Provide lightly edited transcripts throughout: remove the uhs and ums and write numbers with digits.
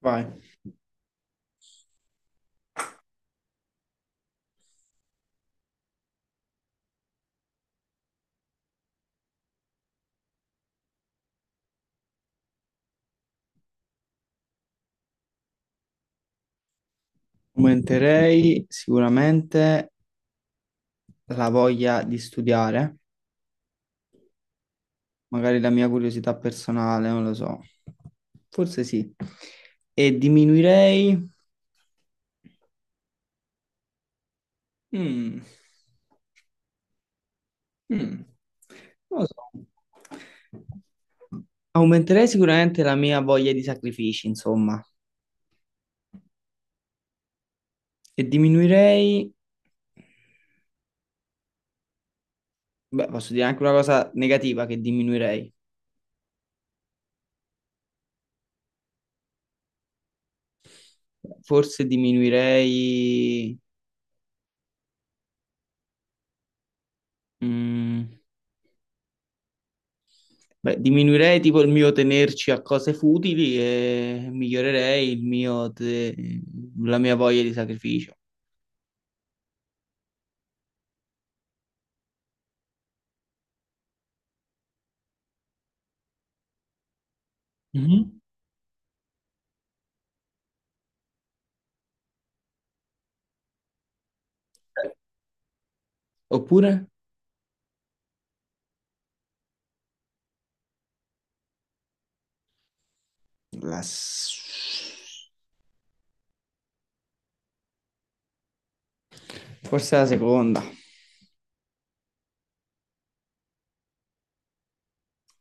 Vai. Aumenterei sicuramente la voglia di studiare, magari la mia curiosità personale, non lo so. Forse sì. E diminuirei. Mm, mm, non lo so. Aumenterei sicuramente la mia voglia di sacrifici, insomma. E diminuirei. Beh, posso dire anche una cosa negativa che diminuirei. Forse diminuirei. mm, Beh, diminuirei tipo il mio tenerci a cose futili e migliorerei il mio la mia voglia di sacrificio. Mhm. Oppure? La s- Forse la seconda.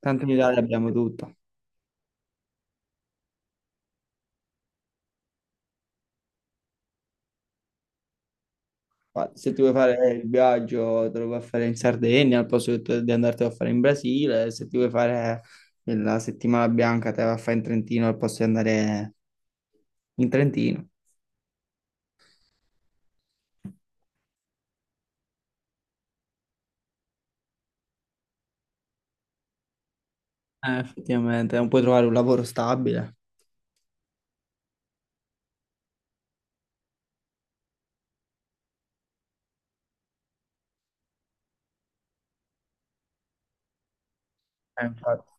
Tanto in Italia abbiamo tutto. Ma se ti vuoi fare il viaggio, te lo puoi fare in Sardegna, al posto che tu- di andartelo a fare in Brasile. Se ti vuoi fare la settimana bianca, te la fai in Trentino, al posto di andare in Trentino. Effettivamente, non puoi trovare un lavoro stabile. Infatti,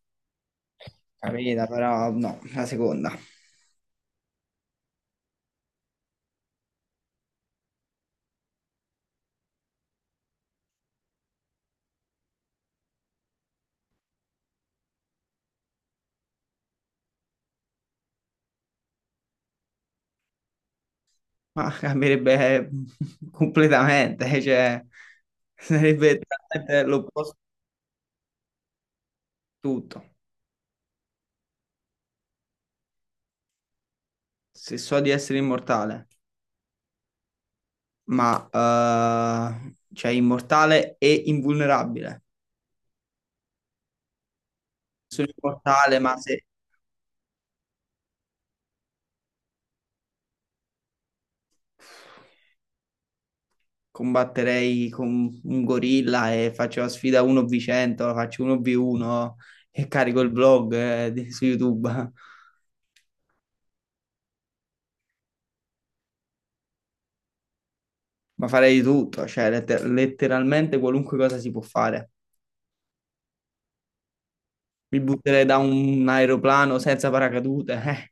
capita, però no, la seconda. Ma cambierebbe completamente, cioè sarebbe totalmente l'opposto di tutto. Se so di essere immortale, cioè immortale e invulnerabile. Sono immortale, ma se combatterei con un gorilla e faccio la sfida 1v100, faccio 1v1 e carico il vlog su YouTube. Ma farei di tutto, cioè letteralmente qualunque cosa si può fare. Mi butterei da un aeroplano senza paracadute.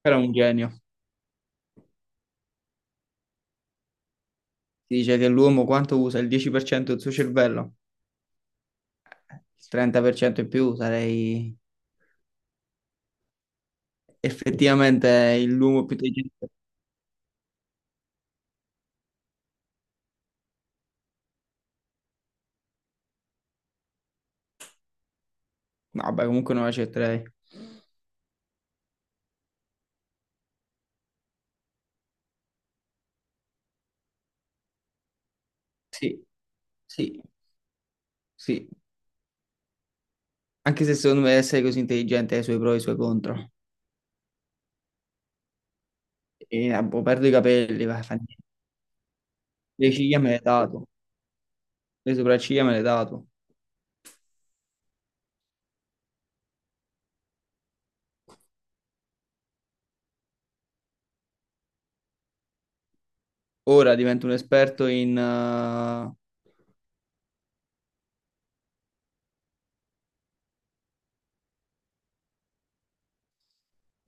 Però è un genio. Si dice che l'uomo quanto usa? Il 10% del suo cervello? Il 30% in più sarei effettivamente l'uomo più intelligente. No, vabbè, comunque non accetterei. Sì, sì, sì. Anche se secondo me essere così intelligente ha i suoi pro e i suoi contro. E, ah, boh, perdo i capelli, va, fa niente. Le ciglia me le dato, le sopracciglia me le dato. Ora divento un esperto in.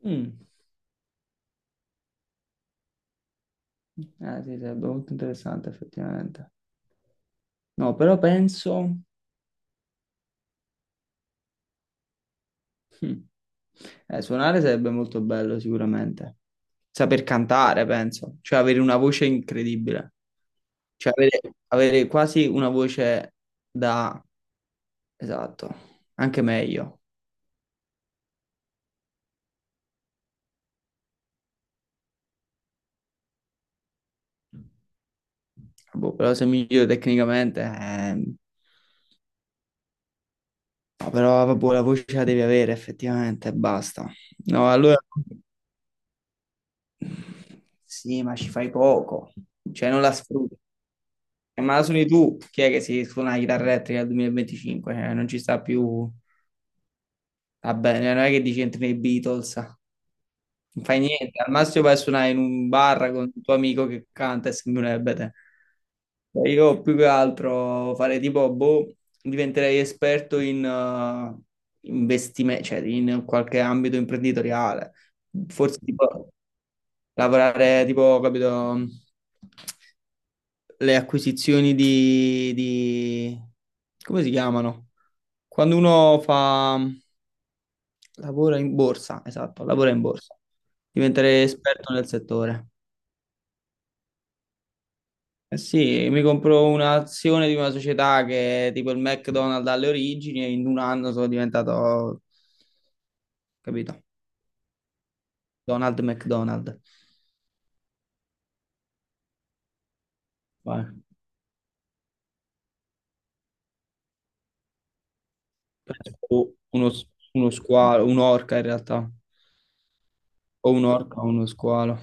mm, sì, sarebbe molto interessante effettivamente. No, però penso. hm, Suonare sarebbe molto bello sicuramente. Saper cantare, penso. Cioè avere una voce incredibile. Cioè avere, avere quasi una voce da. Esatto, anche meglio. Boh, però se migliore tecnicamente. No, però vabbè, la voce la devi avere effettivamente e basta. No, allora. Sì, ma ci fai poco, cioè non la sfrutti. Ma la suoni tu, chi è che si suona la chitarra elettrica nel 2025? Cioè, non ci sta più, va bene, non è che dici entri nei Beatles, non fai niente, al massimo vai a suonare in un bar con il tuo amico che canta e sembra un ebete. Cioè, io più che altro farei tipo, boh, diventerei esperto in investimento, cioè in qualche ambito imprenditoriale, forse tipo lavorare tipo, capito, le acquisizioni di, come si chiamano? Quando uno fa, lavora in borsa, esatto, lavora in borsa, diventare esperto nel settore. Eh sì, mi compro un'azione di una società che è tipo il McDonald's alle origini e in un anno sono diventato, capito? Donald McDonald. Vai. Penso uno, uno squalo, un'orca in realtà, o un'orca o uno squalo.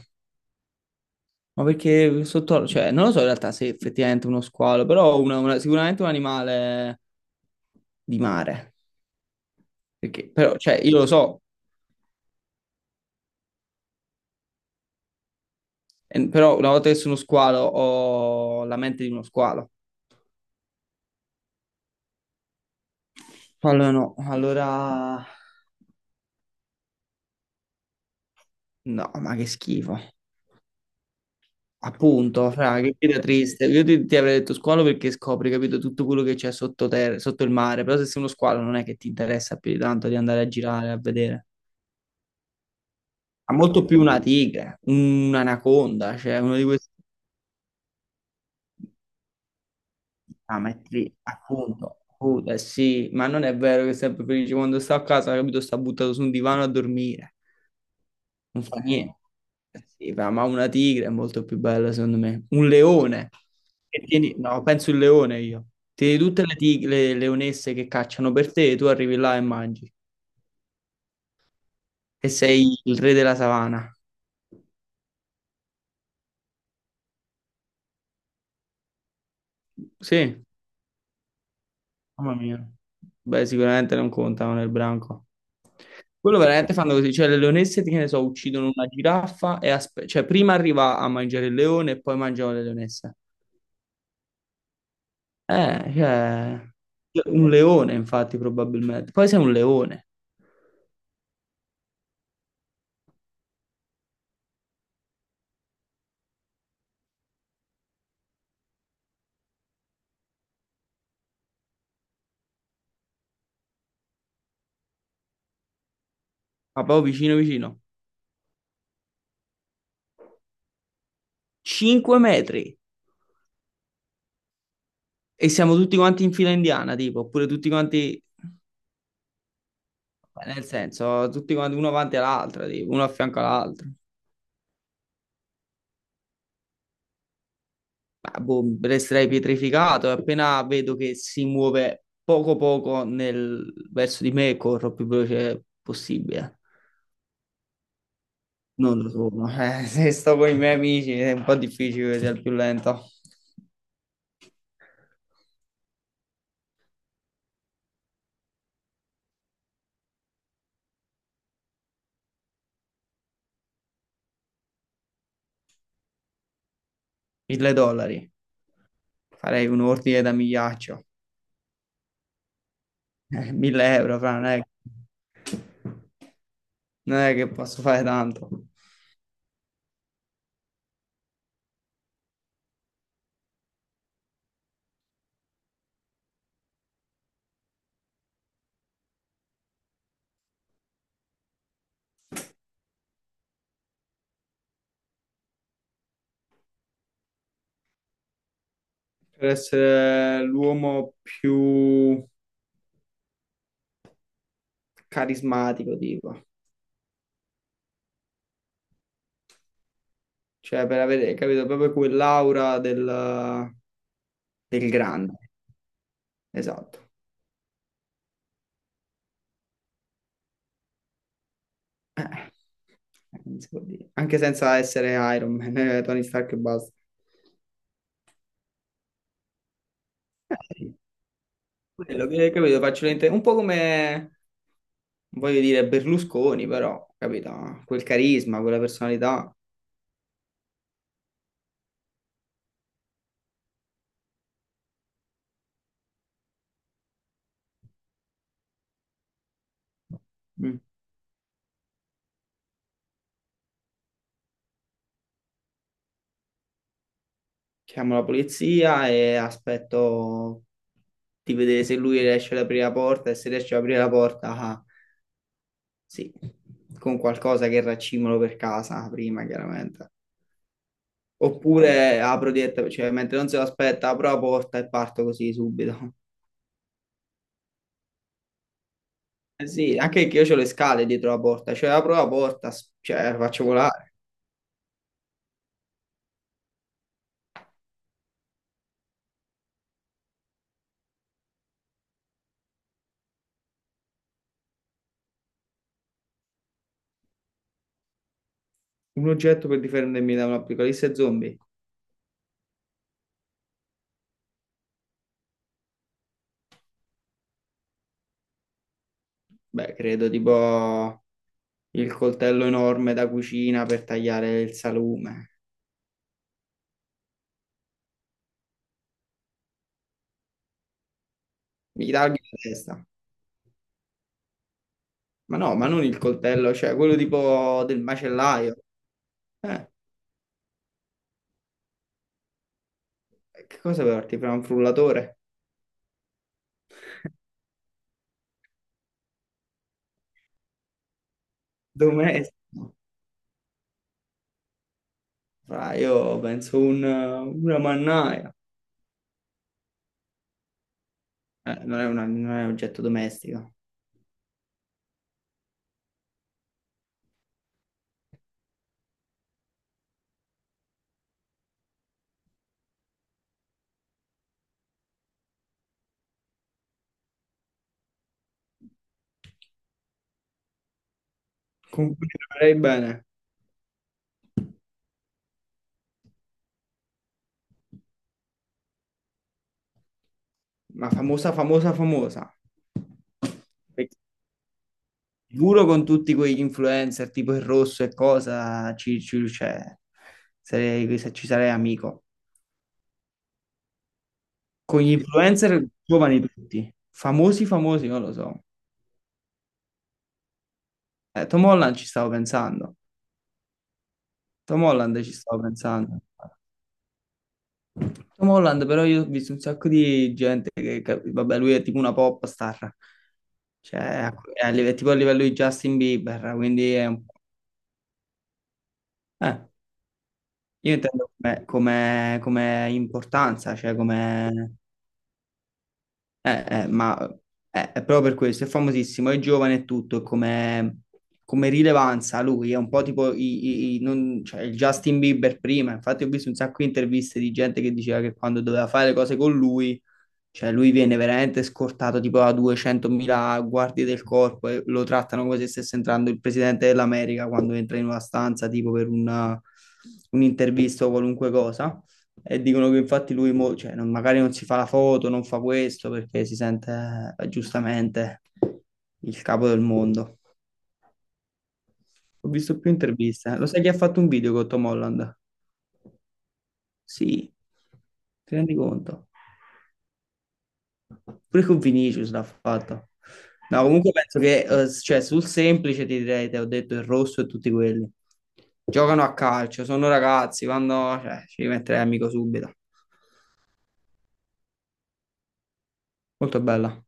Ma perché sotto, cioè, non lo so in realtà se effettivamente uno squalo, però sicuramente un animale di mare. Perché, però, cioè, io lo so, però una volta che sono squalo ho la mente di uno squalo. Allora no, allora. No, ma che schifo. Appunto, fra, che vita triste. Io ti, ti avrei detto squalo perché scopri, capito, tutto quello che c'è sotto terra, sotto il mare, però se sei uno squalo non è che ti interessa più di tanto di andare a girare, a vedere. Ha molto più una tigre, un'anaconda, cioè uno di questi parametri, appunto. Appunto, eh sì, ma non è vero che è sempre felice quando sta a casa, capito? Sta buttato su un divano a dormire, non fa niente. Eh sì, ma una tigre è molto più bella, secondo me. Un leone, no, penso il leone io. Tieni tutte le tigre, le leonesse che cacciano per te, e tu arrivi là e mangi, e sei il re della savana. Sì. Mamma mia. Beh, sicuramente non contano nel branco. Quello veramente fanno così, cioè le leonesse, che ne so, uccidono una giraffa e cioè prima arriva a mangiare il leone e poi mangiano le leonesse. Eh, cioè, un leone infatti probabilmente. Poi sei un leone, ma proprio vicino vicino. 5 metri e siamo tutti quanti in fila indiana, tipo, oppure tutti quanti, nel senso, tutti quanti uno avanti all'altro, tipo, uno a fianco all'altro. Ma, boh, resterei pietrificato e appena vedo che si muove poco poco verso di me, corro più veloce possibile. Non lo so, se sto con i miei amici è un po' difficile che sia il più lento. 1.000 dollari, farei un ordine da migliaccio. 1.000 euro, fra, non è che posso fare tanto. Per essere l'uomo più carismatico, tipo. Cioè, per avere, capito, proprio quell'aura del. Del grande, esatto. Eh, non si può dire. Anche senza essere Iron Man, Tony Stark e basta. Sì, quello che capito, un po' come, voglio dire, Berlusconi, però, capito? Quel carisma, quella personalità. Mm. Chiamo la polizia e aspetto di vedere se lui riesce ad aprire la porta, e se riesce ad aprire la porta, ah, sì, con qualcosa che raccimolo per casa prima, chiaramente. Oppure apro direttamente, cioè mentre non se lo aspetta, apro la porta e parto così subito. Eh sì, anche che io ho le scale dietro la porta, cioè apro la porta, cioè la faccio volare. Un oggetto per difendermi da un'apocalisse zombie? Beh, credo tipo il coltello enorme da cucina per tagliare il salume. Mi taglio la testa. Ma no, ma non il coltello, cioè quello tipo del macellaio. Eh, che cosa porti? Fra un frullatore? Domestico. Fra, io penso una mannaia. Non è un oggetto domestico. Comunque lavorerei bene, ma famosa, famosa, famosa. Perché sicuro con tutti quegli influencer tipo il rosso e cosa, cioè, sarei, se ci sarei amico. Con gli influencer giovani tutti, famosi, famosi, non lo so. Tom Holland ci stavo pensando, Tom Holland ci stavo pensando. Tom Holland però io ho visto un sacco di gente vabbè, lui è tipo una pop star. Cioè, è tipo a livello di Justin Bieber, quindi è un po'. Eh, io intendo come, come importanza, cioè come. eh, eh, ma è proprio per questo, è famosissimo, è giovane e tutto, e come, come rilevanza lui, è un po' tipo cioè, il Justin Bieber prima, infatti ho visto un sacco di interviste di gente che diceva che quando doveva fare le cose con lui. Cioè, lui viene veramente scortato tipo a 200.000 guardie del corpo e lo trattano come se stesse entrando il presidente dell'America quando entra in una stanza tipo per un'intervista o qualunque cosa. E dicono che infatti cioè, magari non si fa la foto, non fa questo perché si sente giustamente il capo del mondo. Ho visto più interviste. Lo sai chi ha fatto un video con Tom Holland? Sì, ti rendi conto? Pure con Vinicius l'ha fatta. No, comunque penso che cioè, sul semplice ti direi, te ho detto il rosso e tutti quelli. Giocano a calcio, sono ragazzi, vanno, cioè, ci metterei amico subito. Molto bella.